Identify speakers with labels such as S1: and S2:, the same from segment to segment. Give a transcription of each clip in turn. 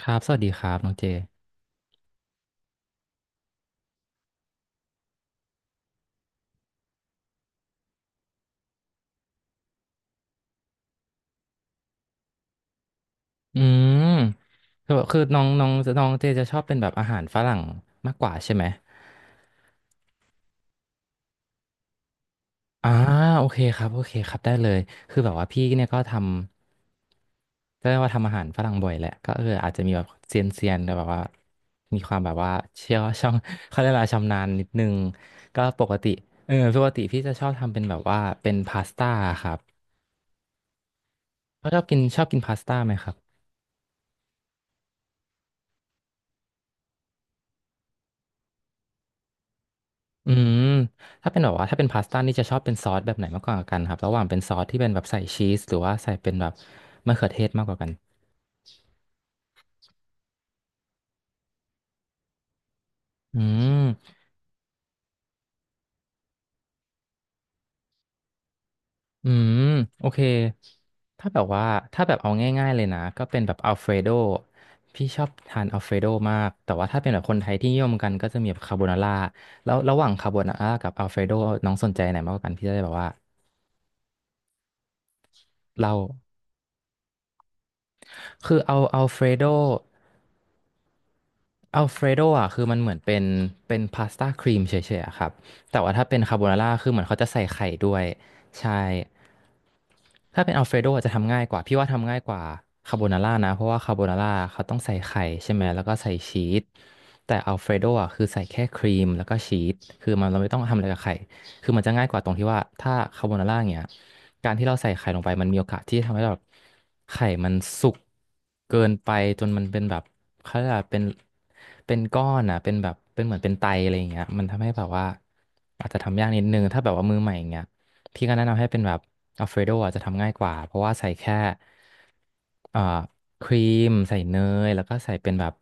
S1: ครับสวัสดีครับน้องเจอืมคือแบบคือน้องน้องน้องเจจะชอบเป็นแบบอาหารฝรั่งมากกว่าใช่ไหมอ่าโอเคครับโอเคครับได้เลยคือแบบว่าพี่เนี่ยก็เรียกว่าทำอาหารฝรั่งบ่อยแหละก็อาจจะมีแบบเซียนเซียนแต่แบบว่ามีความแบบว่าเชี่ยว ช่องเขาเรียกอะไรชำนาญนิดนึงก็ปกติพี่จะชอบทำเป็นแบบว่าเป็นพาสต้าครับชอบกินพาสต้าไหมครับ อืมถ้าเป็นพาสต้านี่จะชอบเป็นซอสแบบไหนมากกว่ากันครับระหว่างเป็นซอสที่เป็นแบบใส่ชีสหรือว่าใส่เป็นแบบมะเขือเทศมากกว่ากันอืมอืมโอเคถ้าแบบว่าถ้าแบบเอาง่ายๆเลยนะก็เป็นแบบอัลเฟรโดพี่ชอบทานอัลเฟรโดมากแต่ว่าถ้าเป็นแบบคนไทยที่นิยมกันก็จะมีแบบคาโบนาร่าแล้วระหว่างคาโบนาร่ากับอัลเฟรโดน้องสนใจไหนมากกว่ากันพี่จะได้แบบว่าเล่าคือเอาอัลเฟรโด อัลเฟรโดอ่ะคือมันเหมือนเป็นพาสต้าครีมเฉยๆอะครับแต่ว่าถ้าเป็นคาโบนาร่าคือเหมือนเขาจะใส่ไข่ด้วยใช่ ถ้าเป็นอัลเฟรโดอาจจะทำง่ายกว่าพี่ว่าทำง่ายกว่าคาโบนาร่านะเพราะว่าคาโบนาร่าเขาต้องใส่ไข่ใช่ไหมแล้วก็ใส่ชีสแต่อัลเฟรโดอ่ะคือใส่แค่ครีมแล้วก็ชีสคือมันเราไม่ต้องทำอะไรกับไข่คือมันจะง่ายกว่าตรงที่ว่าถ้าคาโบนาร่าเนี้ยการที่เราใส่ไข่ลงไปมันมีโอกาสที่จะทำให้แบบไข่มันสุกเกินไปจนมันเป็นแบบเขาเรียกว่าเป็นก้อนอ่ะเป็นแบบเป็นเหมือนเป็นไตอะไรอย่างเงี้ยมันทำให้แบบว่าอาจจะทำยากนิดนึงถ้าแบบว่ามือใหม่อย่างเงี้ย พี่ก็แนะนำให้เป็นแบบอัลเฟรโดอาจจะทำง่ายกว่า เพราะว่าใส่แค่เอ่อครีมใส่เนยแล้วก็ใส่เป็นแบบ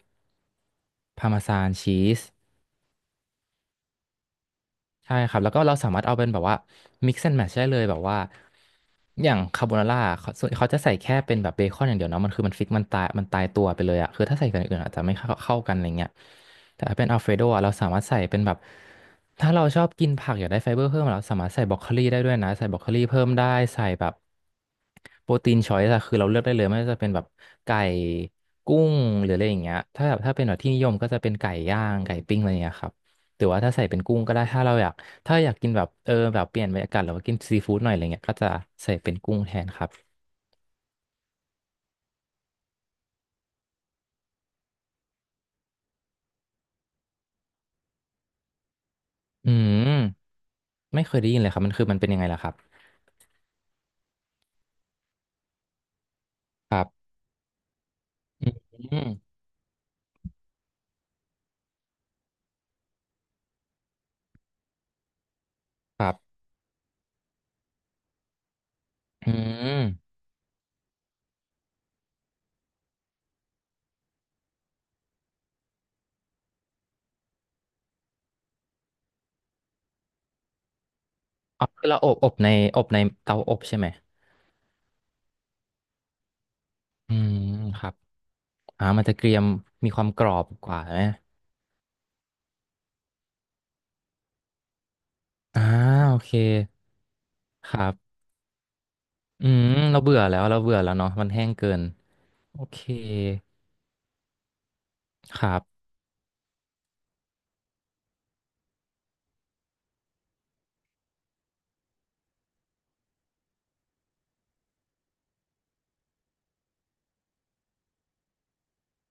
S1: พาร์เมซานชีสใช่ครับแล้วก็เราสามารถเอาเป็นแบบว่า mix and match ได้เลยแบบว่าอย่างคาโบนาร่าเขาส่วนเขาจะใส่แค่เป็นแบบเบคอนอย่างเดียวเนาะมันคือมันฟิกมันตายมันตายตัวไปเลยอะคือถ้าใส่กันอย่างอื่นอาจจะไม่เข้ากันอะไรเงี้ยแต่ถ้าเป็นอัลเฟรโดอะเราสามารถใส่เป็นแบบถ้าเราชอบกินผักอยากได้ไฟเบอร์เพิ่มเราสามารถใส่บรอกโคลีได้ด้วยนะใส่บรอกโคลีเพิ่มได้ใส่แบบ โปรตีนชอยส์อะคือเราเลือกได้เลยไม่ว่าจะเป็นแบบไก่กุ้งหรืออะไรอย่างเงี้ยถ้าแบบถ้าเป็นแบบที่นิยมก็จะเป็นไก่ย่างไก่ปิ้งอะไรอย่างเงี้ยครับหรือว่าถ้าใส่เป็นกุ้งก็ได้ถ้าเราอยากถ้าอยากกินแบบแบบเปลี่ยนบรรยากาศหรือว่ากินซีฟู้ดหน่อยอะไรเงี้ยก็จะใส่เป็นกุ้งแทนครับอืมไม่เคยได้ยินเลยครับมันคือมันเป็นยังไงล่ะครับครับอืมครับอืมอ๋อคือเราอบอบในอบในเตาอบใช่ไหมอืมครับอ่ามันจะเกรียมมีความกรอบกว่าไหมอ่าโอเคครับ อืมเราเบื่อแล้วเราเบื่อแล้วเนาะมันแห้งเกินโอเคครับ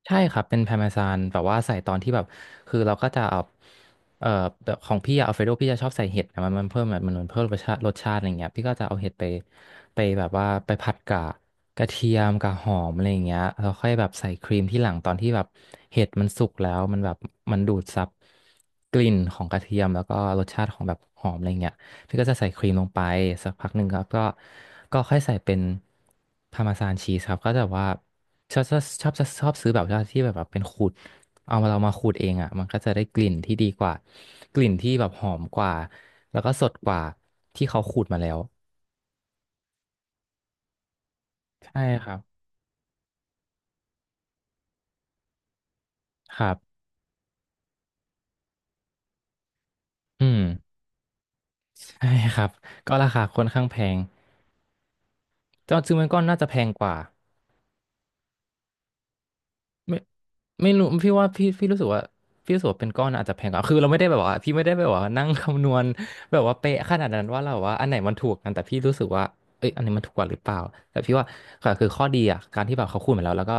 S1: ใช่ครับเป็นพาร์เมซานแบบว่าใส่ตอนที่แบบคือเราก็จะเอาเอ่อแบบของพี่อะอัลเฟรโดพี่จะชอบใส่เห็ดนะมันเพิ่มมันเพิ่มรสชาติอะไรเงี้ยพี่ก็จะเอาเห็ดไปแบบว่าไปผัดกับกระเทียมกับหอมอะไร่เงี้ยแล้วค่อยแบบใส่ครีมที่หลังตอนที่แบบเห็ดมันสุกแล้วมันแบบมันดูดซับกลิ่นของกระเทียมแล้วก็รสชาติของแบบหอมอะไรเงี้ย พี่ก็จะใส่ครีมลงไปสักพักหนึ่งครับก็ค่อยใส่เป็นพาร์ม s ซานชีสครับก็จะแบบว่าชอบซื้อแบบว่าที่แบบเป็นขูดเอามาเรามาขูดเองอ่ะมันก็จะได้กลิ่นที่ดีกว่ากลิ่นที่แบบหอมกว่าแล้วก็สดกว่าที่เขาขูดมาแล้วใช่ครับครับอืมใช่ครับก็ราคาค่อนข้างแพงแต่จริงๆมันก็น่าจะแพงกว่า ไม่ไม่รู้พี่ว่าพี่รู้สึกว่าพี่รู้สึกว่าเป็นก้อนอาจจะแพงกว่าคือเราไม่ได้แบบว่าพี่ไม่ได้แบบว่านั่ง คำนวณแบบว่าเป๊ะขนาดนั้นว่าเราว่าอันไหนมันถูกกันแต่พี่รู้สึกว่าเอ้ยอันนี้มันถูกกว่าหรือเปล่าแต่พี่ว่าค่ะคือข้อดีอ่ะการที่แบบเขาคูณมาแล้วแล้วก็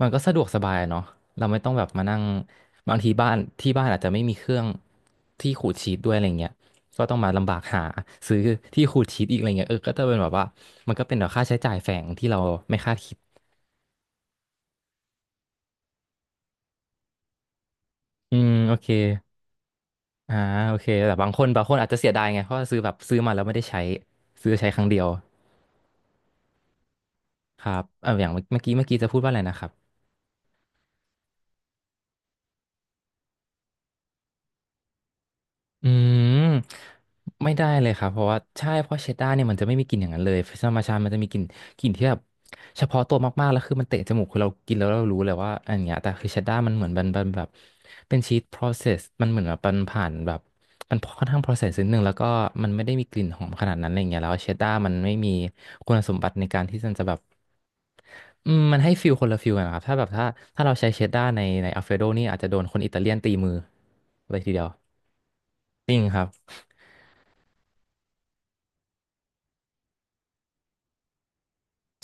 S1: มันก็สะดวกสบายอะเนาะเราไม่ต้องแบบมานั่งบางทีบ้านที่บ้านอาจจะไม่มีเครื่องที่ขูดชีทด้วยอะไรเงี้ยก็ต้องมาลำบากหาซื้อ ที่ขูดชีทอีกอะไรเงี้ยก็จะเป็นแบบว่ามันก็เป็นแบบค่าใช้จ่ายแฝงที่เราไม่คาดคิดอืมโอเค อ่าโอเคแต่บางคนบางคนอาจจะเสียดายไงเพราะว่าซื้อแบบซื้อมาแล้วไม่ได้ใช้ซื้อใช้ครั้งเดียวครับอย่างเมื่อกี้จะพูดว่าอะไรนะครับอืมไม่ได้เลยครับเพราะว่าใช่เพราะเชดดาร์เนี่ยมันจะไม่มีกลิ่นอย่างนั้นเลยธรรมชาติมันจะมีกลิ่นกลิ่นที่แบบเฉพาะตัวมากๆแล้วคือมันเตะจมูกคือเรากินแล้วเรารู้เลยว่าอันเนี้ยแต่คือเชดดาร์มันเหมือนมันแบบเป็นชีส process มันเหมือนแบบมันผ่านแบบมันค่อนข้าง process นิดนึงแล้วก็มันไม่ได้มีกลิ่นหอมขนาดนั้นอะไรเงี้ยแล้วเชดดาร์มันไม่มีคุณสมบัติในการที่มันจะแบบ อืมมันให้ฟิลคนละฟิลกันนะครับถ้าแบบถ้าถ้าเราใช้เชดด้าในอัลเฟโดนี่อาจจะโดนคนอิตาเลียนตีมือเลยทีเดียวจริงครับ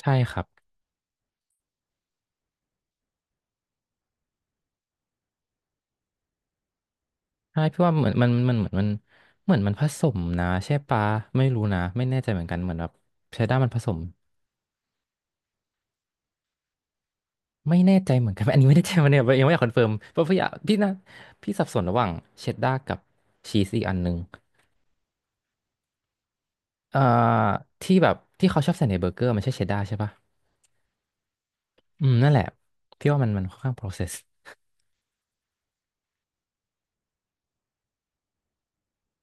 S1: ใช่ครับใช่พี่ว่าเหมือนมันเหมือนมันผสมนะใช่ปะไม่รู้นะไม่แน่ใจเหมือนกันเหมือนแบบเชดด้ามันผสมไม่แน่ใจเหมือนกัน อันนี้ไม่แน่ใจมันเนี่ยยังไม่อยากคอนเฟิร์มเพราะพี่อยากนะพี่สับสนระหว่างเชดด้ากับชีสอีกอันหนึ่งเอ่อที่แบบที่เขาชอบใส่ในเบอร์เกอร์มันใช่เชดด้าใช่ปะอืมนั่นแหละพี่ว่ามันค่อนข้าง process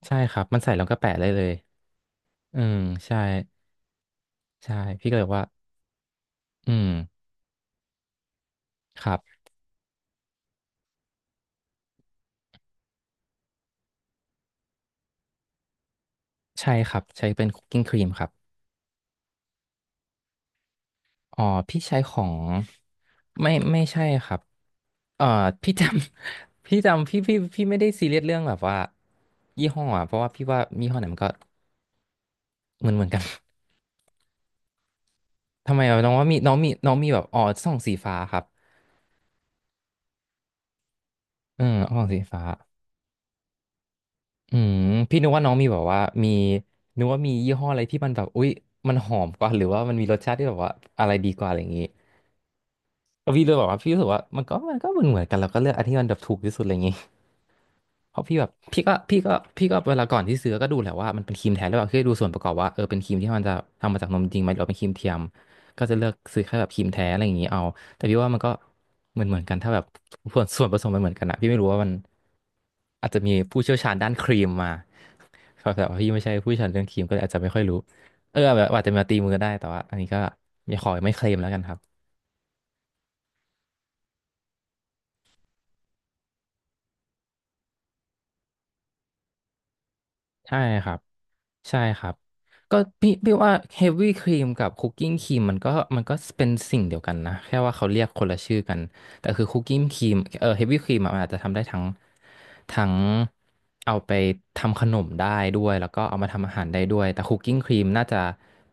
S1: ใช่ครับมันใส่แล้วก็แปะได้เลยอืมใช่ใช่พี่ก็เลยว่าอืมครับใช่ครับใช้เป็นคุกกิ้งครีมครับอ๋อพี่ใช้ของไม่ใช่ครับเอ่อ พี่จำ พี่จำพี่พี่พี่ไม่ได้ซีเรียสเรื่องแบบว่ายี่ห้ออะเพราะว่าพี่ว่ายี่ห้อไหนมันก็เหมือนกัน ทำไมอะน้องว่ามีน้องมีแบบอ๋อส่องสีฟ้าครับเอือส่องสีฟ้า อืมพี่นึกว่าน้องมีแบบว่ามีนึกว่ามียี่ห้ออะไรที่มันแบบอุ๊ยมันหอมกว่าหรือว่ามันมีรสชาติที่แบบว่าอะไรดีกว่าอะไรอย่างงี้แล้วพี่เลยบอกว่าพี่รู้สึกว่ามันก็เหมือนกันเราก็เลือกอันที่มันแบบถูกที่สุดอะไรอย่างงี้ เพราะพี่แบบพี่ก็เวลาก่อนที่ซื้อก็ดูแหละว่ามันเป็นครีมแท้หรือเปล่าคือดูส่วนประกอบว่าเออเป็นครีมที่มันจะทำมาจากนมจริงไหมหรือว่าเป็นครีมเทียมก็จะเลือกซื้อแค่แบบครีมแท้อะไรอย่างนี้เอาแต่พี่ว่ามันก็เหมือนกันถ้าแบบส่วนผสมมันเหมือนกันอะพี่ไม่รู้ว่ามันอาจจะมีผู้เชี่ยวชาญด้านครีมมาครับแต่ว่าพี่ไม่ใช่ผู้เชี่ยวชาญเรื่องครีมก็เลยอาจจะไม่ค่อยรู้แบบอาจจะมาตีมือได้แต่ว่าอันนี้ก็ไม่ขอไม่เคลมแล้วกันครับใช่ครับ ใช่ครับก็พี่ว่าเฮฟวี่ครีมกับคุกกิ้งครีมมันก็เป็นสิ่งเดียวกันนะแค่ว่าเขาเรียกคนละชื่อกันแต่คือคุกกิ้งครีมเฮฟวี่ครีมมันอาจจะทำได้ทั้งเอาไปทำขนมได้ด้วยแล้วก็เอามาทำอาหารได้ด้วยแต่คุกกิ้งครีมน่าจะ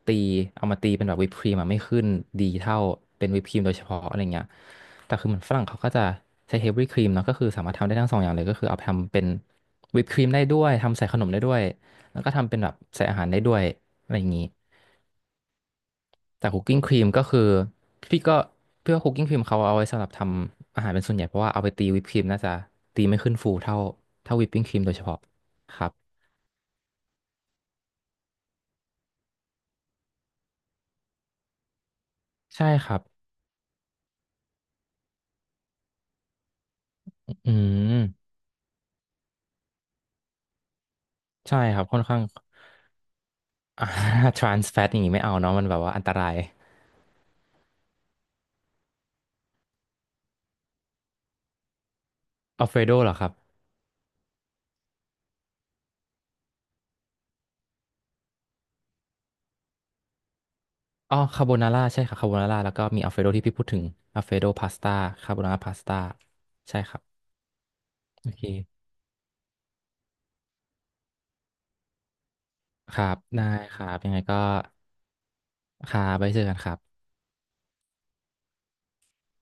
S1: ตีเอามาตีเป็นแบบวิปครีมอะไม่ขึ้นดีเท่าเป็นวิปครีมโดยเฉพาะอะไรเงี้ยแต่คือเหมือนฝรั่งเขาก็จะใช้เฮฟวี่ครีมเนาะก็คือสามารถทำได้ทั้งสองอย่างเลยก็คือเอาไปทำเป็นวิปครีมได้ด้วยทำใส่ขนมได้ด้วย แล้วก็ทำเป็นแบบใส่อาหารได้ด้วยอะไรอย่างนี้ แต่คุกกิ้งครีมก็คือพี่ก็เพื่อคุกกิ้งครีมเขาเอาไว้สำหรับทำอาหารเป็นส่วนใหญ่เพราะว่าเอาไปตีวิปครีมน่าจะตีไม่ขึ้นฟูเท่าวิปปิ้งครีมโดยเฉพาะครับใช่ครับอืมใช่ครับค่อนข้าง อ่า trans fat อย่างนี้ไม่เอาเนาะมันแบบว่าอันตรายอัลเฟรโดเหรอครับอ๋อคาโบนาร่าใช่ครับคาโบนาร่าแล้วก็มีอัลเฟรโดที่พี่พูดถึงอัลเฟรโดพาสต้าคาโบนาร่าพาสต้าใช่ครับโอเค ครับได้ครับยังไงก็ครับไปเจอกันครับ